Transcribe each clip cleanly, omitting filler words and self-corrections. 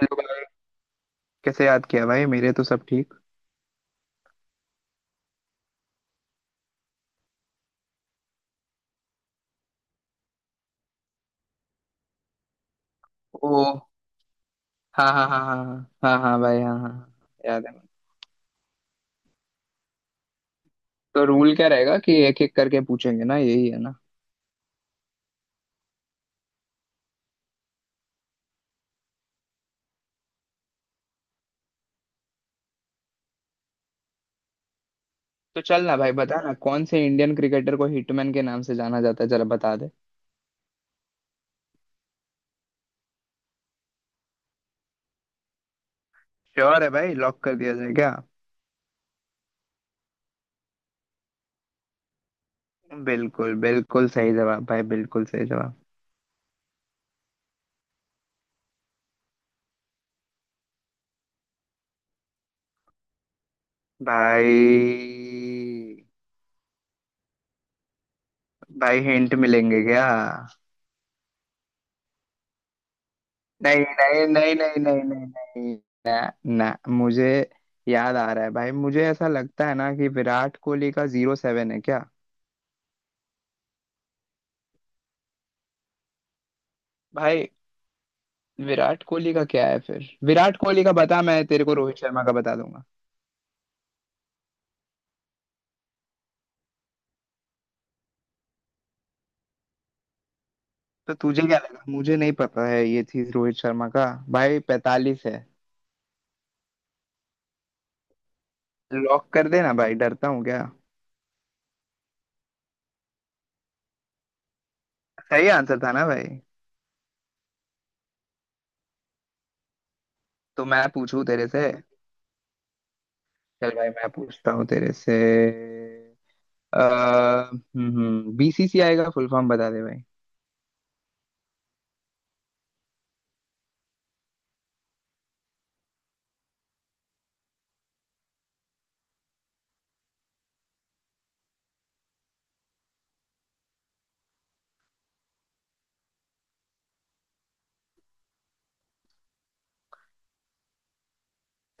Hello भाई। कैसे याद किया भाई? मेरे तो सब ठीक। ओ, हाँ हाँ हाँ हाँ हाँ। हाँ हाँ भाई, हाँ हाँ हाँ। याद है। तो रूल क्या रहेगा कि एक एक करके पूछेंगे ना, यही है ना? तो चल ना भाई, बता ना, कौन से इंडियन क्रिकेटर को हिटमैन के नाम से जाना जाता है? जरा बता दे। श्योर है भाई? लॉक कर दिया जाए क्या? बिल्कुल बिल्कुल सही जवाब भाई, बिल्कुल सही जवाब। भाई, भाई हिंट मिलेंगे क्या? नहीं नहीं नहीं नहीं नहीं नहीं नहीं। ना मुझे। याद आ रहा है भाई, मुझे ऐसा लगता है ना कि विराट कोहली का जीरो सेवन है क्या? भाई। विराट कोहली का क्या है फिर? विराट कोहली का बता, मैं तेरे को रोहित शर्मा का बता दूंगा। तो तुझे क्या लगा मुझे नहीं पता है ये चीज? रोहित शर्मा का भाई 45 है। लॉक कर देना भाई, डरता हूँ क्या? सही आंसर था ना भाई? तो मैं पूछूं तेरे से? चल भाई, मैं पूछता हूँ तेरे से। अ, बीसीसीआई का फुल फॉर्म बता दे भाई।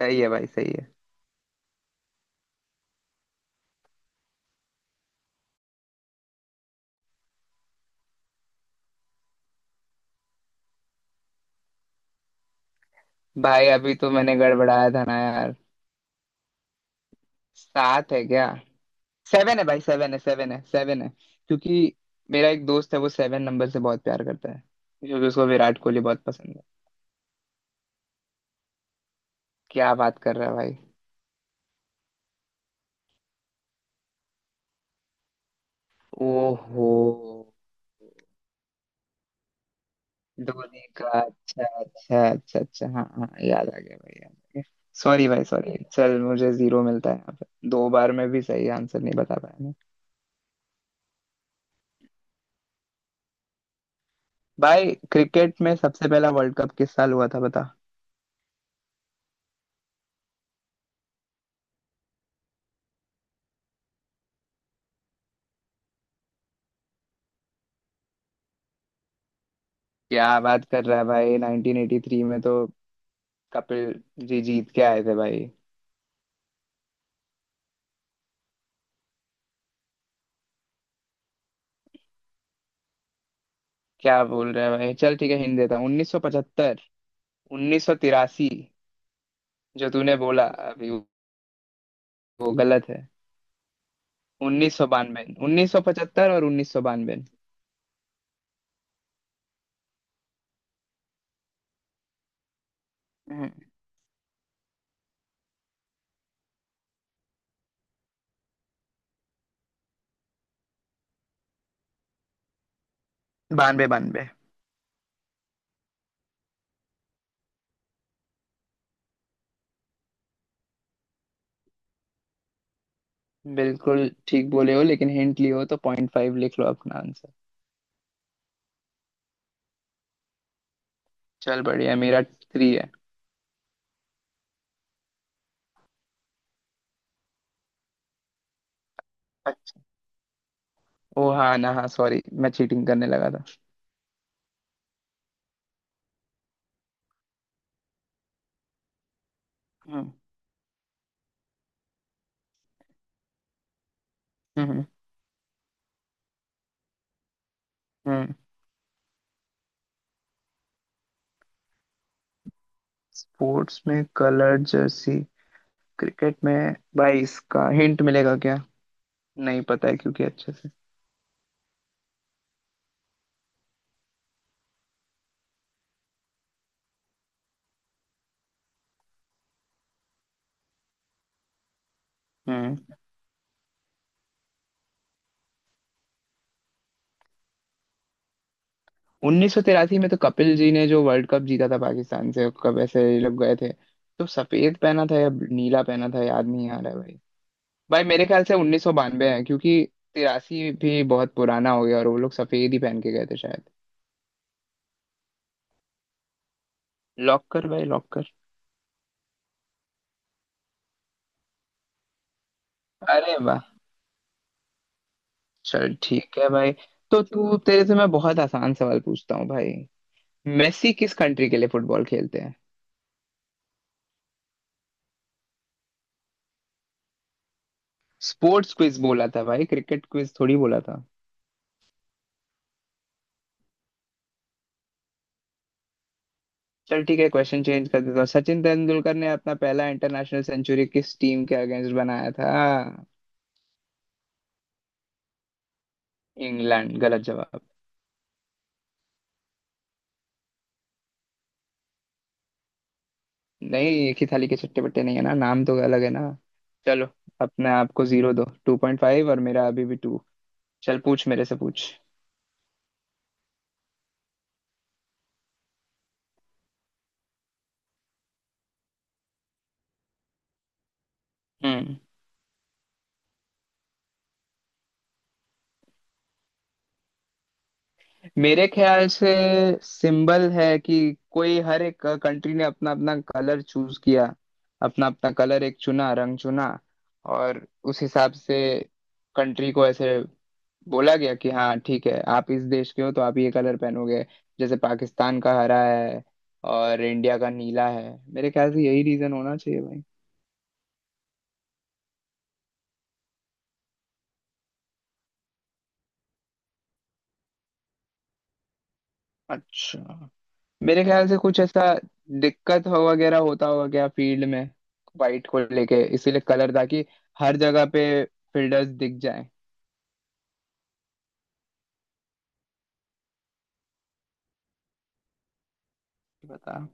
सही है भाई, सही है। भाई अभी तो मैंने गड़बड़ाया था ना यार। सात है क्या? सेवन है भाई, सेवन है सेवन है सेवन है। क्योंकि मेरा एक दोस्त है, वो सेवन नंबर से बहुत प्यार करता है, क्योंकि उसको विराट कोहली बहुत पसंद है। क्या बात कर रहा है भाई? ओहो। धोनी का? अच्छा अच्छा अच्छा अच्छा, हाँ हाँ याद आ गया भाई, याद आ गया। सॉरी भाई सॉरी, चल मुझे जीरो मिलता है यहाँ पे, दो बार में भी सही आंसर नहीं बता पाया मैं। भाई, क्रिकेट में सबसे पहला वर्ल्ड कप किस साल हुआ था बता? क्या बात कर रहा है भाई? 1983 में तो कपिल जी जीत के आए थे भाई। क्या बोल रहे हैं भाई? चल ठीक है, हिंट देता हूँ। 1975। 1983 जो तूने बोला अभी, वो गलत है। 1992, 1975 और 1992। हम्म, बानवे बानवे। बिल्कुल ठीक बोले हो, लेकिन हिंट लिए हो तो पॉइंट फाइव लिख लो अपना आंसर। चल बढ़िया है, मेरा थ्री है। अच्छा। ओ हाँ ना, हाँ सॉरी, मैं चीटिंग करने लगा था। हम्म। हम्म। हम्म। स्पोर्ट्स में कलर जर्सी, क्रिकेट में। भाई इसका हिंट मिलेगा क्या? नहीं पता है, क्योंकि अच्छे से। हम्म 1983 में तो कपिल जी ने जो वर्ल्ड कप जीता था, पाकिस्तान से कब ऐसे ये लोग गए थे। तो सफेद पहना था या नीला पहना था याद नहीं आ रहा है भाई। भाई मेरे ख्याल से 1992 है, क्योंकि तिरासी भी बहुत पुराना हो गया, और वो लोग सफेद ही पहन के गए थे शायद। लॉक कर भाई, लॉक कर। अरे वाह। चल ठीक है भाई। तो तू, तेरे से मैं बहुत आसान सवाल पूछता हूँ भाई। मेसी किस कंट्री के लिए फुटबॉल खेलते हैं? स्पोर्ट्स क्विज बोला था भाई, क्रिकेट क्विज थोड़ी बोला था। चल ठीक है, क्वेश्चन चेंज कर देता हूँ। सचिन तेंदुलकर ने अपना पहला इंटरनेशनल सेंचुरी किस टीम के अगेंस्ट बनाया था? इंग्लैंड? गलत जवाब। नहीं, एक ही थाली के चट्टे बट्टे नहीं है ना, नाम तो अलग है ना। चलो, अपने आप को जीरो दो, टू पॉइंट फाइव, और मेरा अभी भी टू। चल पूछ, मेरे से पूछ। हम्म मेरे ख्याल से सिंबल है कि कोई, हर एक कंट्री ने अपना अपना कलर चूज किया। अपना अपना कलर एक चुना, रंग चुना। और उस हिसाब से कंट्री को ऐसे बोला गया कि हाँ ठीक है, आप इस देश के हो तो आप ये कलर पहनोगे। जैसे पाकिस्तान का हरा है और इंडिया का नीला है, मेरे ख्याल से यही रीजन होना चाहिए भाई। अच्छा। मेरे ख्याल से कुछ ऐसा दिक्कत हो वगैरह होता होगा क्या फील्ड में, वाइट को लेके? इसीलिए कलर, ताकि हर जगह पे फील्डर्स दिख जाएं। बता।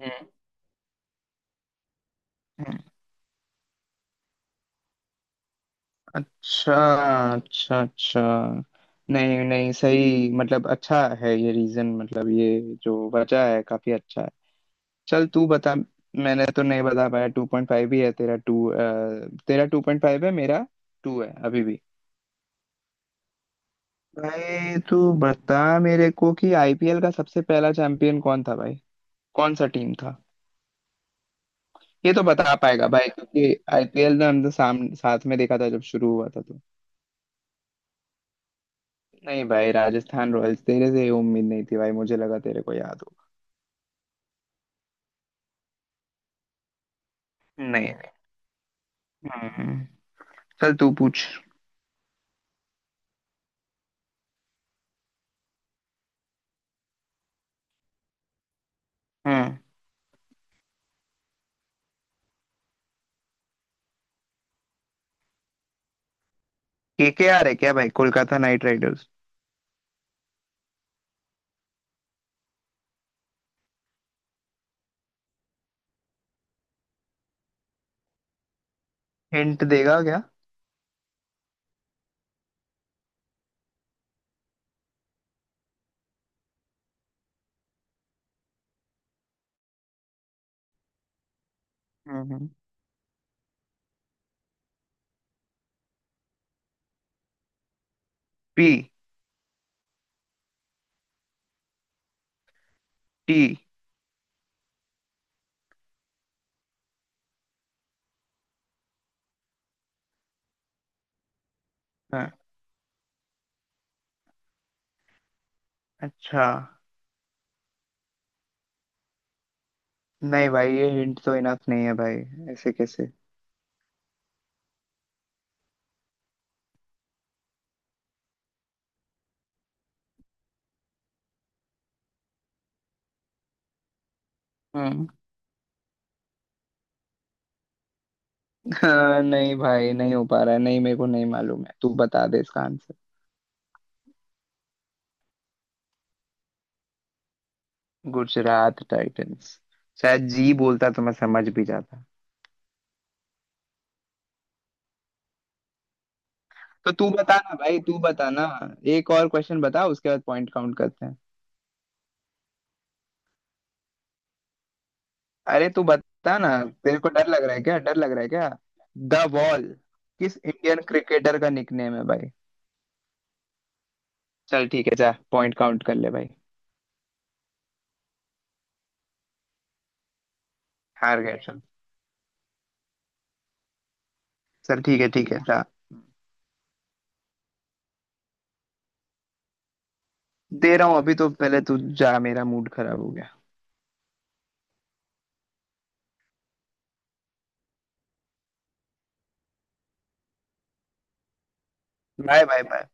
हम्म। अच्छा अच्छा अच्छा। नहीं नहीं सही, मतलब अच्छा है ये रीजन, मतलब ये जो वजह है काफी अच्छा है। चल तू बता, मैंने तो नहीं बता पाया, टू पॉइंट फाइव ही है तेरा, टू। तेरा टू पॉइंट फाइव है, मेरा टू है अभी भी। भाई तू बता मेरे को कि आईपीएल का सबसे पहला चैंपियन कौन था भाई? कौन सा टीम था? ये तो बता पाएगा भाई, क्योंकि आईपीएल ने हम तो सामने, साथ में देखा था जब शुरू हुआ था तो। नहीं भाई, राजस्थान रॉयल्स। तेरे से ये उम्मीद नहीं थी भाई, मुझे लगा तेरे को याद हो। नहीं नहीं। हम्म। चल तू पूछ। हम्म केकेआर है क्या भाई? Kolkata night Riders? हिंट देगा क्या? हम्म पी। टी। हाँ। अच्छा। नहीं भाई ये हिंट तो इनफ नहीं है भाई, ऐसे कैसे? हम्म, हाँ, नहीं भाई, नहीं हो पा रहा है, नहीं मेरे को नहीं मालूम है, तू बता दे इसका आंसर। गुजरात टाइटंस? शायद जी बोलता तो मैं समझ भी जाता। तो तू बताना भाई, तू बताना। एक और क्वेश्चन बता, उसके बाद पॉइंट काउंट करते हैं। अरे तू बता ना। तेरे को डर लग रहा है क्या, डर लग रहा है क्या? द वॉल किस इंडियन क्रिकेटर का निकनेम है भाई? चल ठीक है, जा पॉइंट काउंट कर ले भाई। हार गया, चल। चल ठीक है, ठीक है जा। दे रहा हूँ, अभी तो पहले तू जा, मेरा मूड खराब हो गया। Bye bye bye.